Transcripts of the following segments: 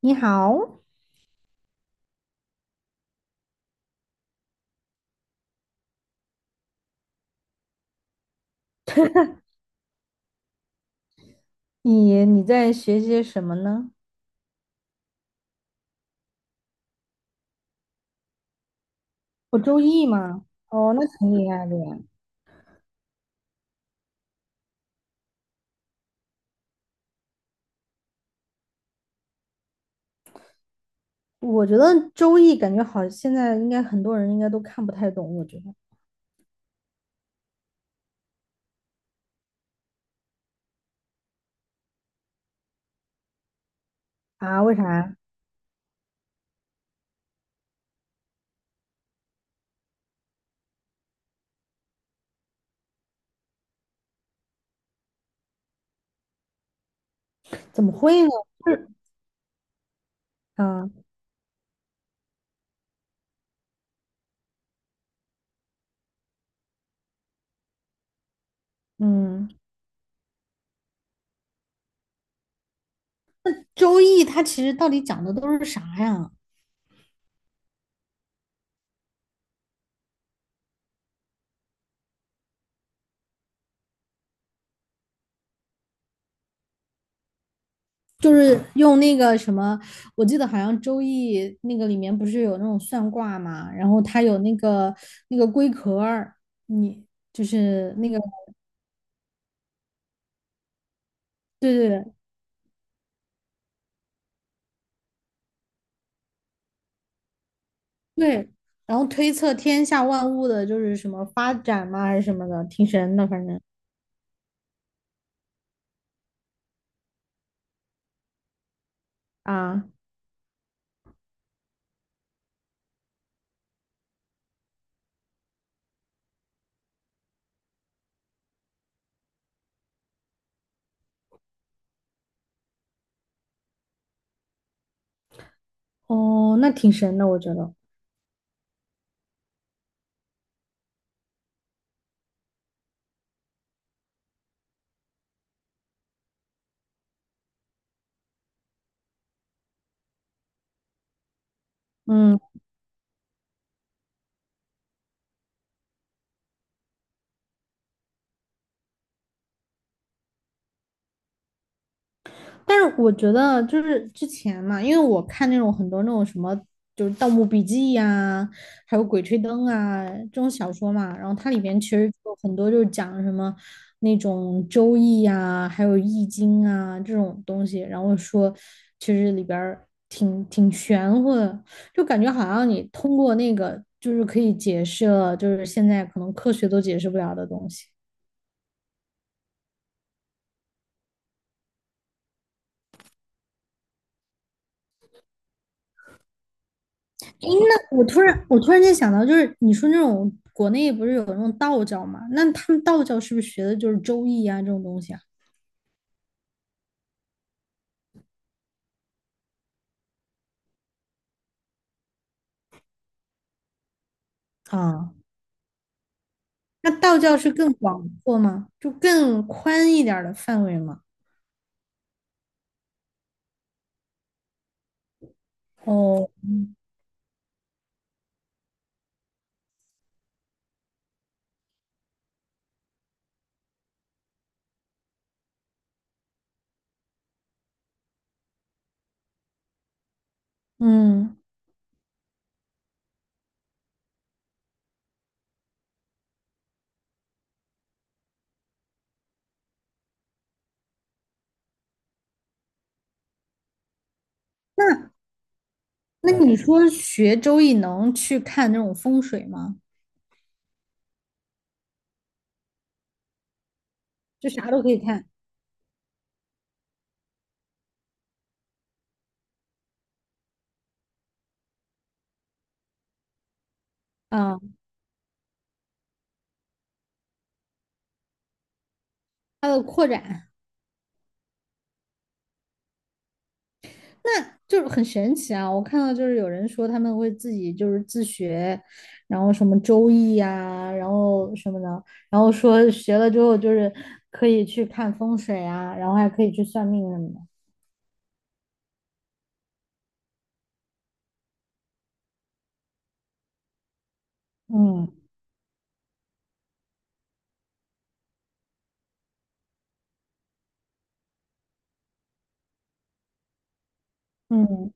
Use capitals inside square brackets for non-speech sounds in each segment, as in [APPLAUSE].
你好，你在学些什么呢？我周易吗？哦，那挺厉害的呀。我觉得周易感觉好，现在应该很多人应该都看不太懂。我觉得啊，为啥？怎么会呢？是，嗯嗯，周易它其实到底讲的都是啥呀？就是用那个什么，我记得好像周易那个里面不是有那种算卦嘛，然后它有那个龟壳儿，你就是那个对对对，对，然后推测天下万物的就是什么发展嘛，还是什么的，挺神的，反正啊，哦，那挺神的，我觉得，嗯，但是我觉得就是之前嘛，因为我看那种很多那种什么，就是《盗墓笔记》呀，还有《鬼吹灯》啊这种小说嘛，然后它里边其实有很多就是讲什么那种《周易》呀，还有《易经》啊这种东西，然后说其实里边儿挺玄乎的，就感觉好像你通过那个就是可以解释了，就是现在可能科学都解释不了的东西。诶，那 [LAUGHS] 我突然间想到，就是你说那种国内不是有那种道教嘛？那他们道教是不是学的就是周易啊这种东西啊？啊。那道教是更广阔吗？就更宽一点儿的范围吗？哦，嗯，那那你说学周易能去看那种风水吗？就啥都可以看啊，它的扩展。那就是很神奇啊！我看到就是有人说他们会自己就是自学，然后什么周易呀、然后什么的，然后说学了之后就是可以去看风水啊，然后还可以去算命什么的。嗯嗯，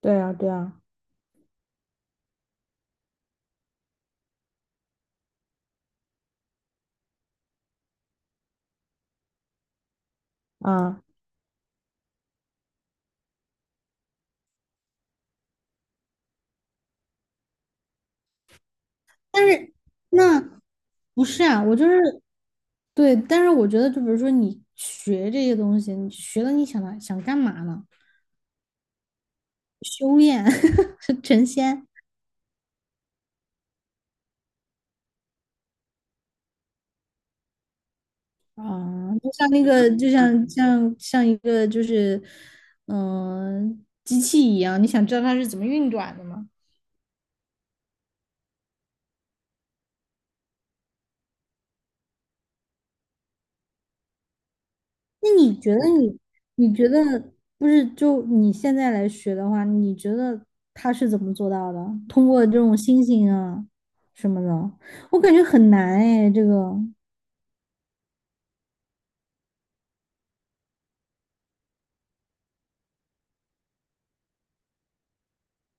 对啊对啊啊！但是那不是啊，我就是对，但是我觉得就比如说你学这些东西，你学了你想想干嘛呢？修炼 [LAUGHS] 成仙。啊，就像那个，就像像一个就是，嗯、机器一样，你想知道它是怎么运转的吗？那你觉得你，你觉得不是就你现在来学的话，你觉得它是怎么做到的？通过这种星星啊什么的，我感觉很难哎，这个，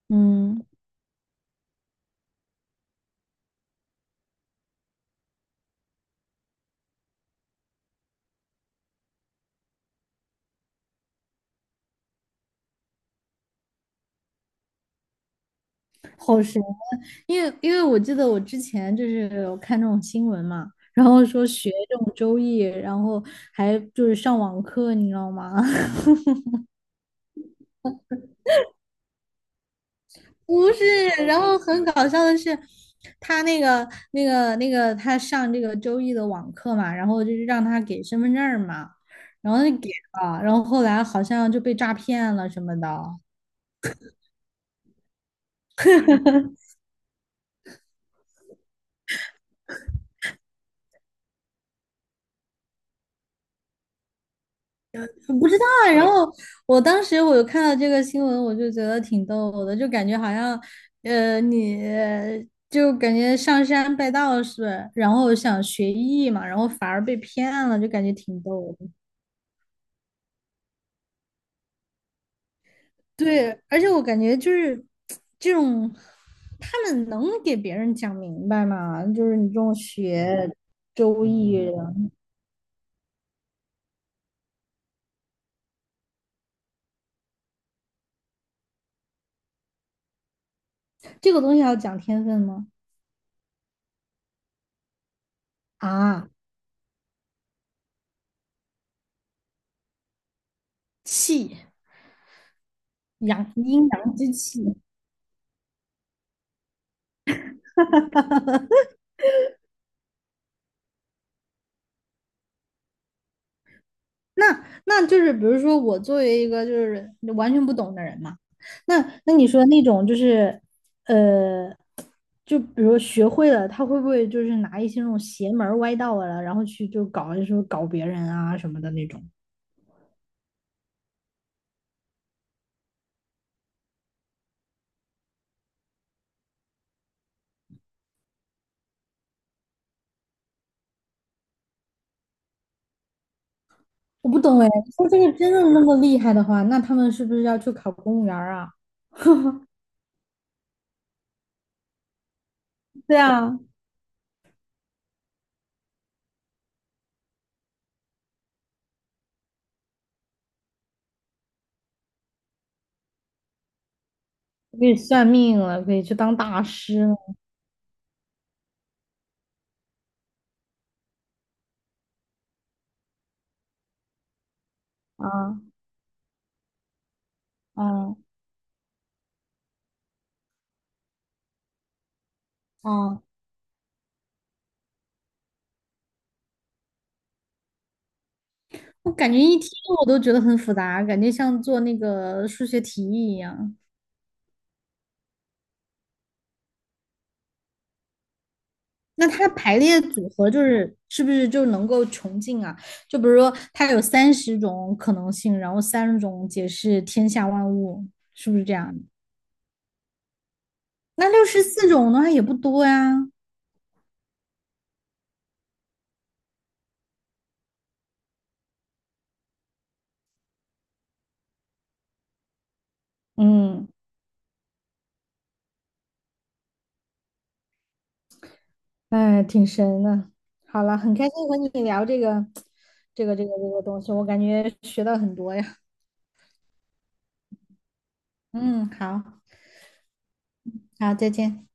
嗯，好神因为我记得我之前就是有看这种新闻嘛，然后说学这种周易，然后还就是上网课，你知道吗？[LAUGHS] 不是，然后很搞笑的是，他那个那个他上这个周易的网课嘛，然后就是让他给身份证儿嘛，然后就给了，然后后来好像就被诈骗了什么的。我不知道啊。然后我当时有看到这个新闻，我就觉得挺逗的，就感觉好像，你就感觉上山拜道士，然后想学艺嘛，然后反而被骗了，就感觉挺逗的。对，而且我感觉就是这种，他们能给别人讲明白吗？就是你这种学周易的，这个东西要讲天分吗？啊，气，阳，阴阳之气。那那就是，比如说我作为一个就是完全不懂的人嘛，那那你说那种就是，呃，就比如学会了，他会不会就是拿一些那种邪门儿歪道啊，然后去就是搞别人啊什么的那种？我不懂哎，说这个真的那么厉害的话，那他们是不是要去考公务员儿啊？对啊，可以算命了，可以去当大师了啊？啊啊。我感觉一听我都觉得很复杂，感觉像做那个数学题一样。那它的排列组合就是是不是就能够穷尽啊？就比如说它有三十种可能性，然后三十种解释天下万物，是不是这样的？那64种的话也不多呀。嗯，哎，挺神的。好了，很开心和你聊这个，这个，这个，这个东西，我感觉学到很多呀。嗯，好，好，再见。